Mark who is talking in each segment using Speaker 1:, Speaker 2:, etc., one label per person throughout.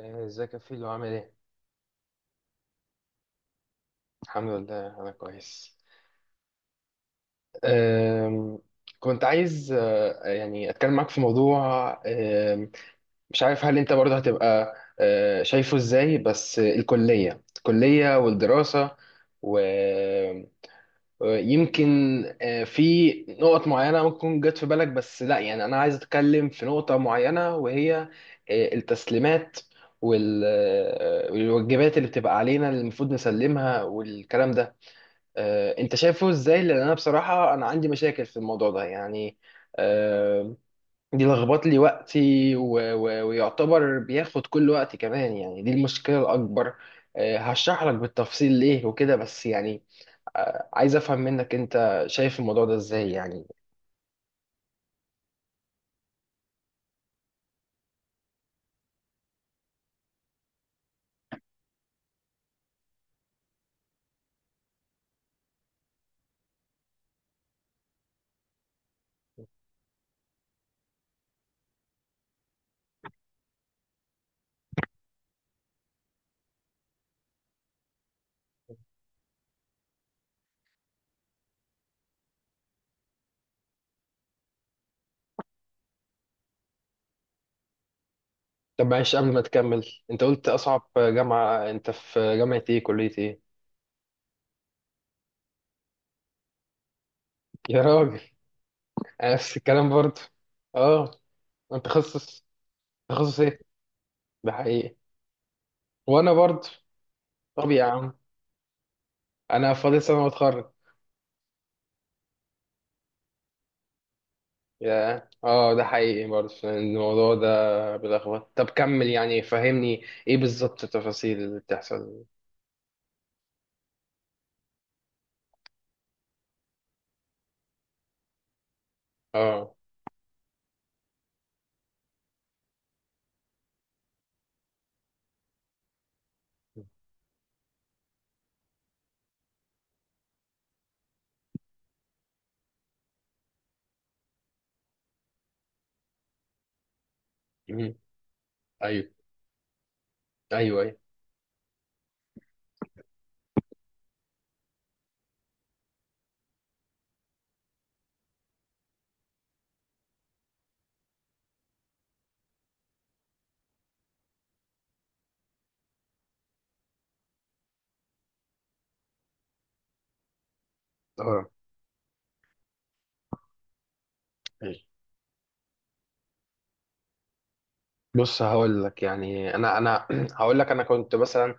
Speaker 1: إيه، ازيك يا فيلو عامل ايه؟ الحمد لله انا كويس. أم، كنت عايز يعني اتكلم معاك في موضوع. أم، مش عارف هل انت برضه هتبقى شايفه ازاي، بس الكلية والدراسة، و- ويمكن في نقط معينة ممكن تكون جت في بالك، بس لا يعني انا عايز اتكلم في نقطة معينة، وهي التسليمات وال- أه، والواجبات اللي بتبقى علينا اللي المفروض نسلمها والكلام ده. انت شايفه ازاي؟ لان انا بصراحه انا عندي مشاكل في الموضوع ده يعني. آه، دي لخبط لي وقتي ويعتبر بياخد كل وقتي كمان يعني، دي المشكله الاكبر. هشرح لك بالتفصيل ليه وكده، بس يعني عايز افهم منك، انت شايف الموضوع ده ازاي يعني. طب معلش قبل ما تكمل، انت قلت اصعب جامعه، انت في جامعه ايه؟ كليه ايه؟ يا راجل، أنا نفس الكلام برضه. اه، انت تخصص ايه؟ ده حقيقي، وانا برضه. طب يا عم، انا فاضل سنه واتخرج. يا ده حقيقي برضه، الموضوع ده بيلخبط. طب كمل يعني، فهمني ايه بالظبط التفاصيل اللي بتحصل. اه. مم. ايوه، ايوه، ايوه. اه. أيوة. بص هقول لك، يعني انا هقول لك، انا كنت مثلا،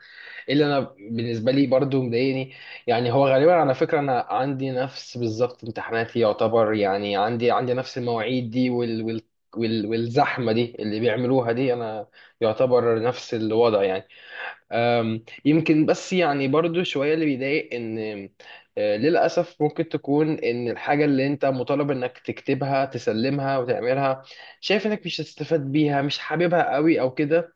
Speaker 1: اللي انا بالنسبه لي برضو مضايقني، يعني هو غالبا على فكره انا عندي نفس بالظبط امتحاناتي يعتبر، يعني عندي نفس المواعيد دي والزحمه دي اللي بيعملوها دي، انا يعتبر نفس الوضع يعني. يمكن، بس يعني برضو شويه اللي بيضايق ان للاسف ممكن تكون ان الحاجه اللي انت مطالب انك تكتبها تسلمها وتعملها، شايف انك مش هتستفاد بيها، مش حاببها قوي او كده،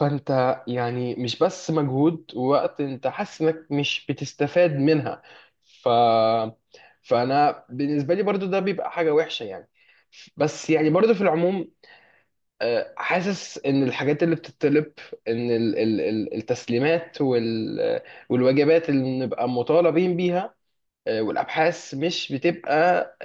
Speaker 1: فانت يعني مش بس مجهود ووقت، انت حاسس انك مش بتستفاد منها. ف فانا بالنسبه لي برضو ده بيبقى حاجه وحشه يعني. بس يعني برضو في العموم، حاسس ان الحاجات اللي بتطلب، ان التسليمات والواجبات اللي بنبقى مطالبين بيها، والابحاث، مش بتبقى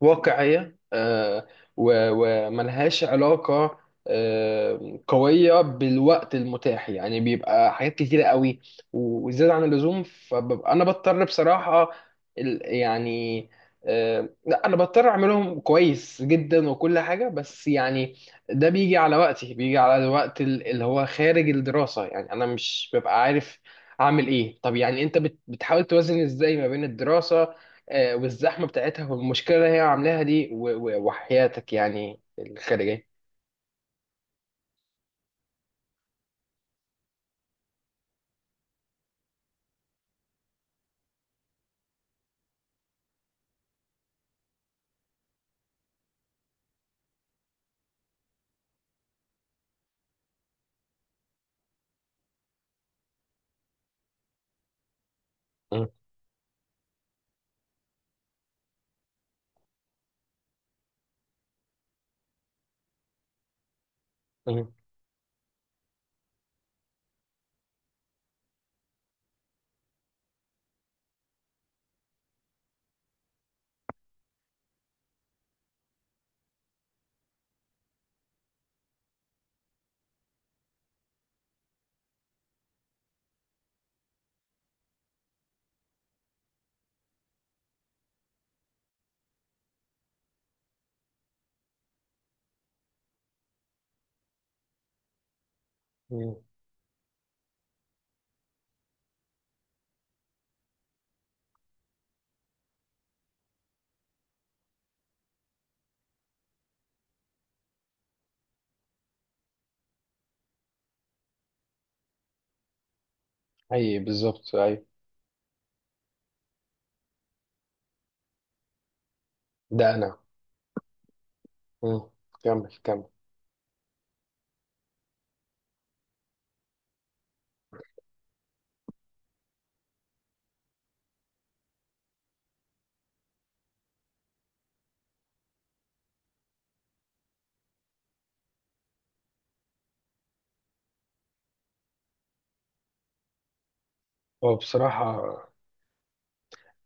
Speaker 1: واقعية، وملهاش علاقة قوية بالوقت المتاح، يعني بيبقى حاجات كتيرة قوي وزيادة عن اللزوم. فببقى أنا بضطر بصراحة يعني، لا، أنا بضطر أعملهم كويس جدا وكل حاجة، بس يعني ده بيجي على وقتي، بيجي على الوقت اللي هو خارج الدراسة، يعني أنا مش ببقى عارف أعمل إيه. طب يعني أنت بتحاول توازن إزاي ما بين الدراسة والزحمه بتاعتها والمشكله اللي هي عاملاها دي وحياتك يعني الخارجيه؟ مم. مم. مم. اي، بالظبط، اي. ده انا. مم. كمل، كمل. هو بصراحه،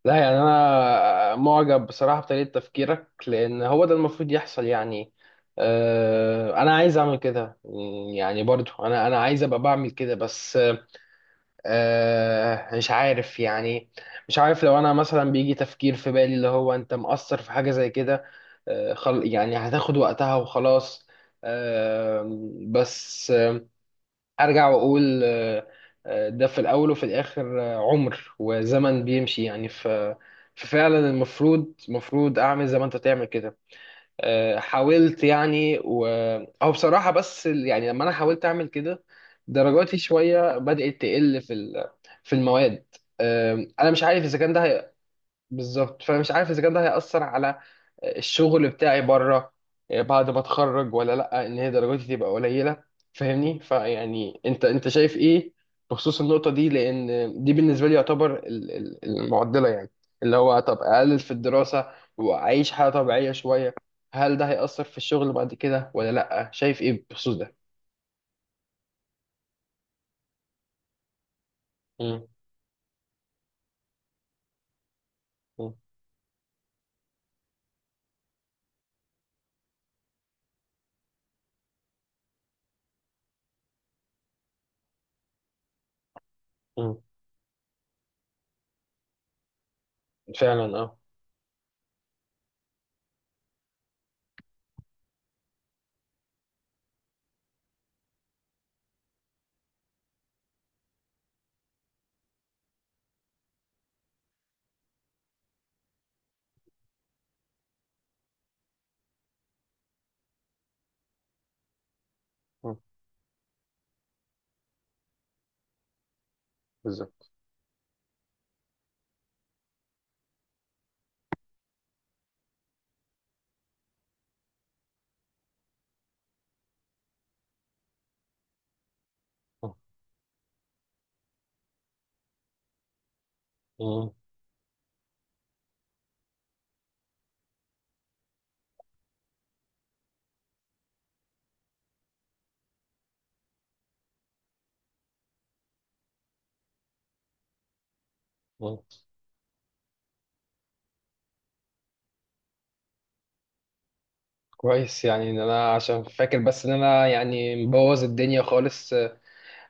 Speaker 1: لا يعني انا معجب بصراحه بطريقه تفكيرك، لان هو ده المفروض يحصل يعني. انا عايز اعمل كده، يعني برضو انا عايز ابقى بعمل كده، بس مش عارف يعني، مش عارف لو انا مثلا بيجي تفكير في بالي اللي هو انت مقصر في حاجة زي كده. خل يعني هتاخد وقتها وخلاص. آه بس ارجع واقول. ده في الاول وفي الاخر، عمر وزمن بيمشي يعني. ففعلا المفروض اعمل زي ما انت تعمل كده. حاولت يعني او بصراحه، بس يعني لما انا حاولت اعمل كده درجاتي شويه بدات تقل في المواد. انا مش عارف اذا كان ده بالظبط، فانا مش عارف اذا كان ده هياثر على الشغل بتاعي بره بعد ما اتخرج ولا لا، ان هي درجاتي تبقى قليله، فاهمني؟ فيعني انت شايف ايه بخصوص النقطه دي؟ لان دي بالنسبه لي يعتبر المعضله يعني، اللي هو طب اقلل في الدراسه واعيش حياه طبيعيه شويه، هل ده هيأثر في الشغل بعد كده ولا لا؟ شايف ايه بخصوص ده؟ مم. مم. مم. فعلا، اه. مم. بالظبط. مم. مم. مم. كويس يعني، ان انا عشان فاكر بس ان انا يعني مبوظ الدنيا خالص.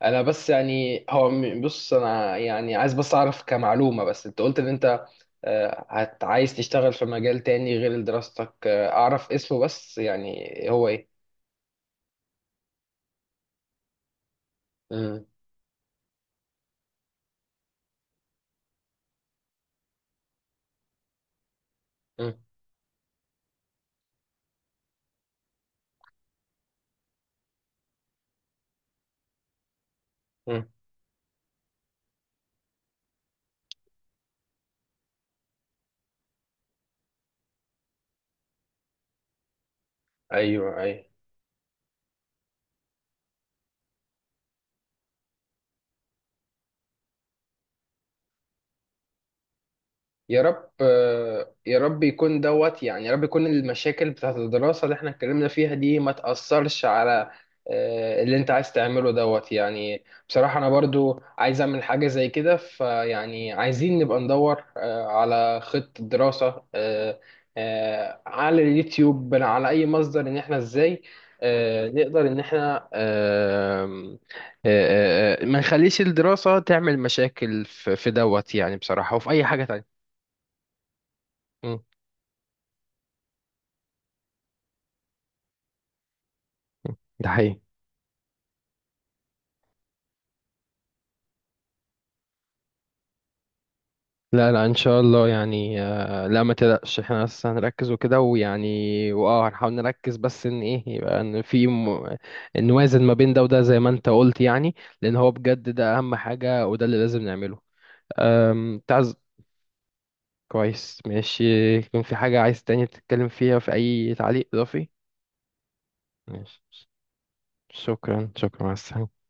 Speaker 1: انا بس يعني هو بص، انا يعني عايز بس اعرف كمعلومة، بس انت قلت ان انت عايز تشتغل في مجال تاني غير دراستك، اعرف اسمه بس، يعني هو ايه؟ مم. مم. مم. ايوه، ايوه. يا رب، يا رب يكون دوت يعني، يا رب يكون المشاكل بتاعت الدراسة اللي احنا اتكلمنا فيها دي ما تأثرش على اللي انت عايز تعمله دوت يعني. بصراحة انا برضو عايز اعمل حاجة زي كده، فيعني عايزين نبقى ندور على خطة دراسة، على اليوتيوب، على اي مصدر، ان احنا ازاي نقدر ان احنا، آه، ما نخليش الدراسة تعمل مشاكل في دوت يعني، بصراحة، وفي اي حاجة تانية. مم. ده حقيقي. لا، لا، ان شاء الله يعني، لا ما تقلقش، احنا بس هنركز وكده، ويعني هنحاول نركز، بس ان ايه، يبقى ان في نوازن ما بين ده وده زي ما انت قلت يعني، لان هو بجد ده اهم حاجة، وده اللي لازم نعمله. تعز. كويس، ماشي. يكون في حاجة عايز تاني تتكلم فيها؟ في اي تعليق اضافي؟ ماشي، شكرا، شكرا، مع السلامة.